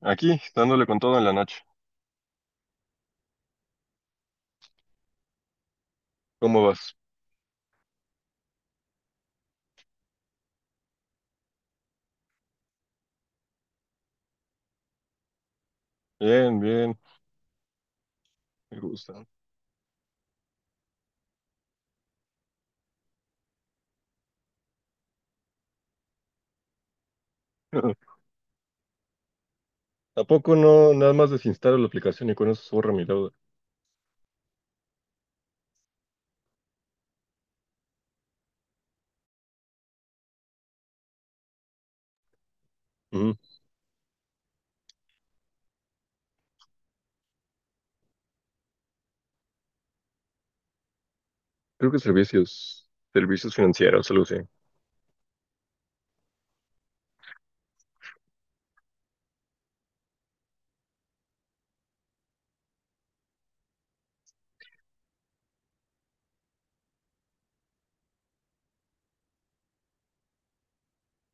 Aquí, dándole con todo en la noche. ¿Cómo vas? Bien, bien, me gusta. ¿A poco no nada más desinstalo la aplicación y con eso se borra mi deuda? Ujú. Creo que servicios, servicios financieros, algo así.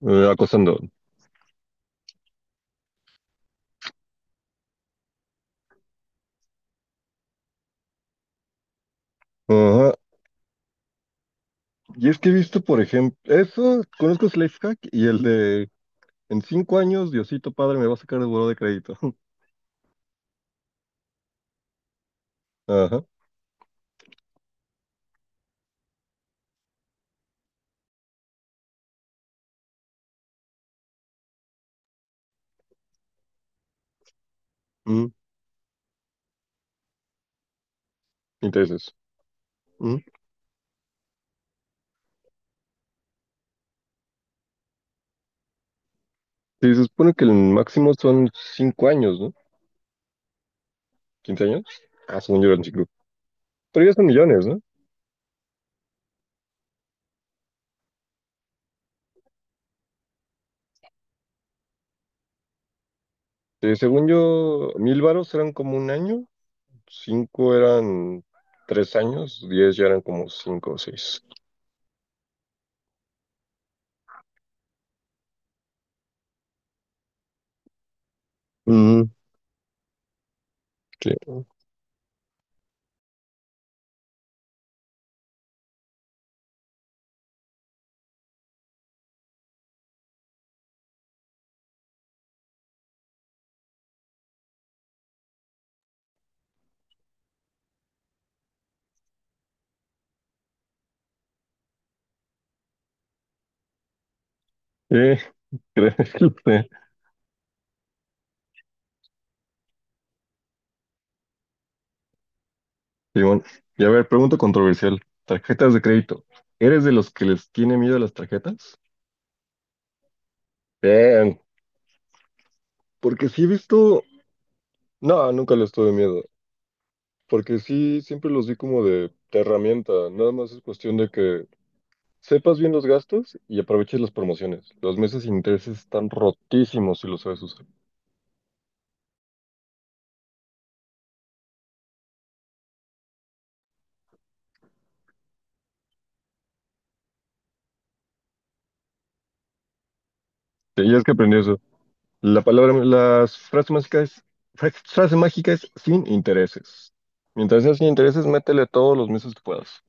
Acosando. Ajá. Y es que he visto, por ejemplo, eso, conozco ese life hack y el de en 5 años, Diosito Padre me va a sacar de buró de crédito. Ajá, ujú. Intereses. Ujú. Sí, se supone que el máximo son 5 años, ¿no? ¿15 años? Ah, según yo eran 5. Pero ya son millones, ¿no? Sí, según yo, 1000 varos eran como un año, 5 eran 3 años, 10 ya eran como 5 o 6. Mm, sí. Eh, créeme. Simón. Y a ver, pregunta controversial. Tarjetas de crédito. ¿Eres de los que les tiene miedo a las tarjetas? Bien, porque sí he visto... No, nunca les tuve miedo. Porque sí, siempre los vi como de herramienta. Nada más es cuestión de que sepas bien los gastos y aproveches las promociones. Los meses sin intereses están rotísimos si lo sabes usar. Tenías que aprender eso. La palabra, las frases mágicas, frase mágica es sin intereses. Mientras sea sin intereses, métele todos los meses que puedas.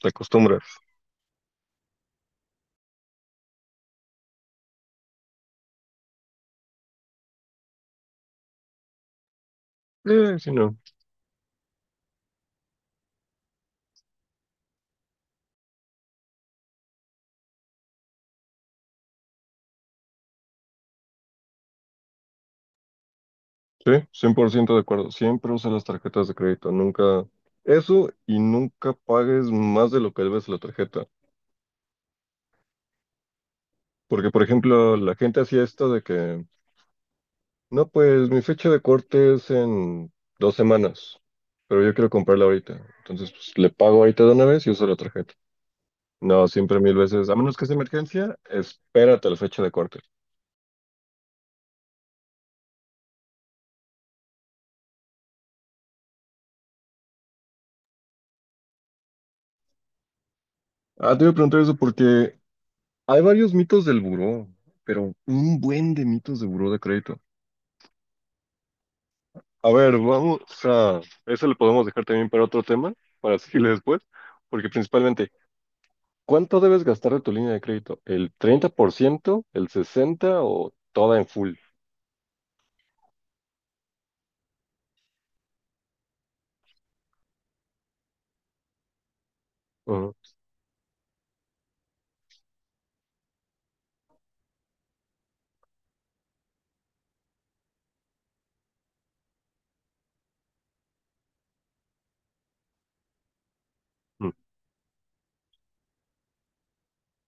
Te acostumbras. Si no. Sí, 100% de acuerdo. Siempre usa las tarjetas de crédito. Nunca eso y nunca pagues más de lo que debes la tarjeta. Porque, por ejemplo, la gente hacía esto de que no, pues mi fecha de corte es en 2 semanas, pero yo quiero comprarla ahorita. Entonces, pues le pago ahorita de una vez y uso la tarjeta. No, siempre mil veces, a menos que sea emergencia, espérate a la fecha de corte. Ah, te voy a preguntar eso porque hay varios mitos del buró, pero un buen de mitos de buró de crédito. A ver, vamos a... Eso lo podemos dejar también para otro tema, para seguirle después, porque principalmente, ¿cuánto debes gastar de tu línea de crédito? ¿El 30%, el 60% o toda en full? Mm,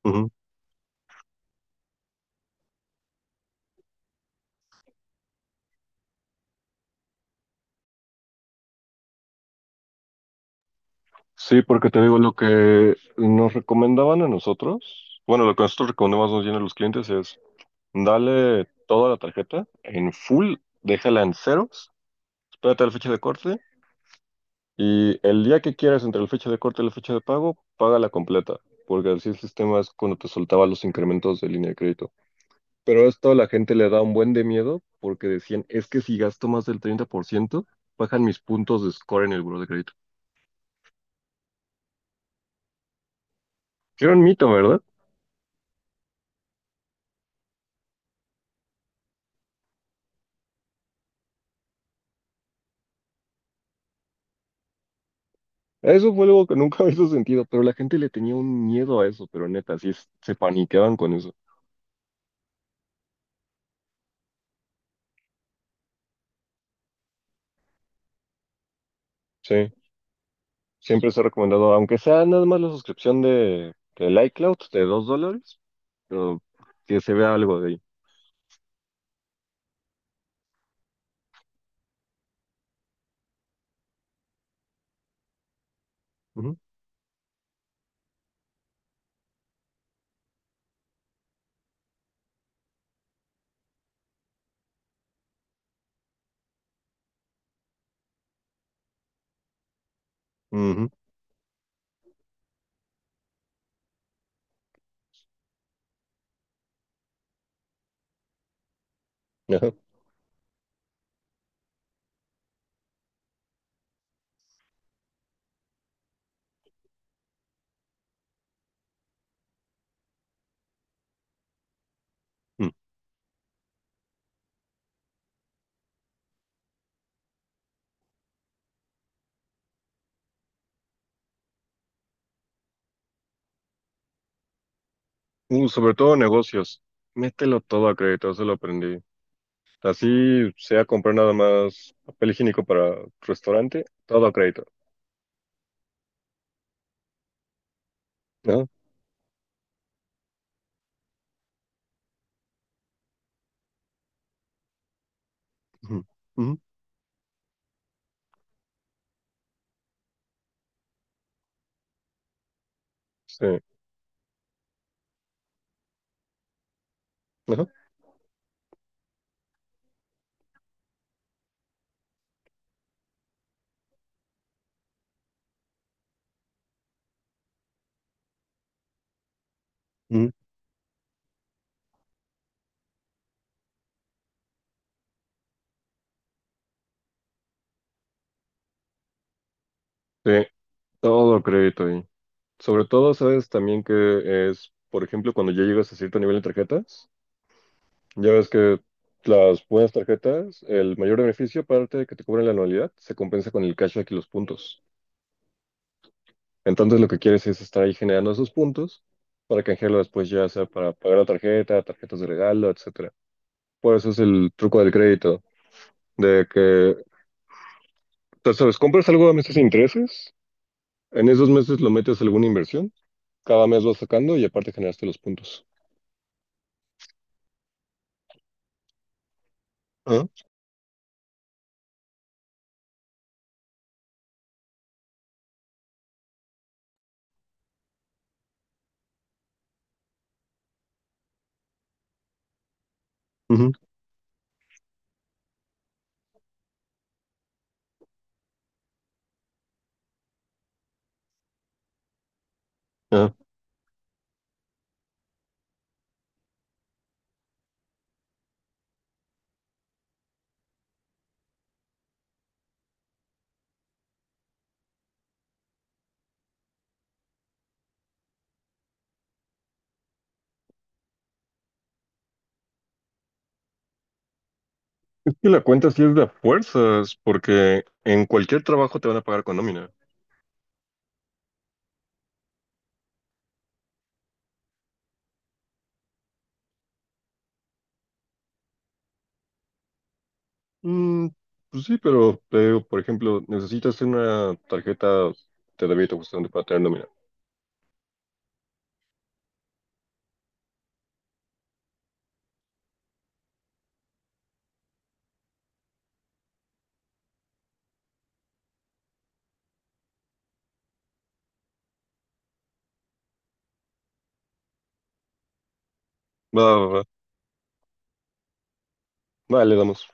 ujú. Sí, porque te digo, lo que nos recomendaban a nosotros, bueno, lo que nosotros recomendamos más bien a los clientes es, dale toda la tarjeta en full, déjala en ceros, espérate a la fecha de corte y el día que quieras entre la fecha de corte y la fecha de pago, págala completa, porque así el sistema es cuando te soltaba los incrementos de línea de crédito. Pero esto a la gente le da un buen de miedo porque decían, es que si gasto más del 30% bajan mis puntos de score en el buro de crédito. Era un mito, ¿verdad? Eso fue algo que nunca me hizo sentido, pero la gente le tenía un miedo a eso, pero neta, sí se paniqueaban con eso. Sí, siempre se ha recomendado, aunque sea nada más la suscripción del iCloud de $2, pero que se vea algo de ahí. Ujú, ujú, ajá, mm. Sobre todo negocios, mételo todo a crédito, eso lo aprendí. Así sea comprar nada más papel higiénico para restaurante, todo a crédito. Ajá, ujú, ujú, sí, ajá, ujú, sí, todo a crédito. Sobre todo, sabes también que es, por ejemplo, cuando ya llegas a cierto nivel de tarjetas, ya ves que las buenas tarjetas, el mayor beneficio, aparte de que te cobran la anualidad, se compensa con el cashback y los puntos. Entonces, lo que quieres es estar ahí generando esos puntos para canjearlo después, ya sea para pagar la tarjeta, tarjetas de regalo, etcétera. Por eso es el truco del crédito, de que, tú sabes, compras algo a meses sin intereses, en esos meses lo metes a alguna inversión, cada mes vas sacando y aparte generaste los puntos. Ah, ujú, ajá. Y la cuenta sí es de a fuerzas, porque en cualquier trabajo te van a pagar con nómina. Mm, pues sí, pero te digo, por ejemplo, necesitas una tarjeta de débito justamente para tener nómina. Va, va, va. Vale, le damos.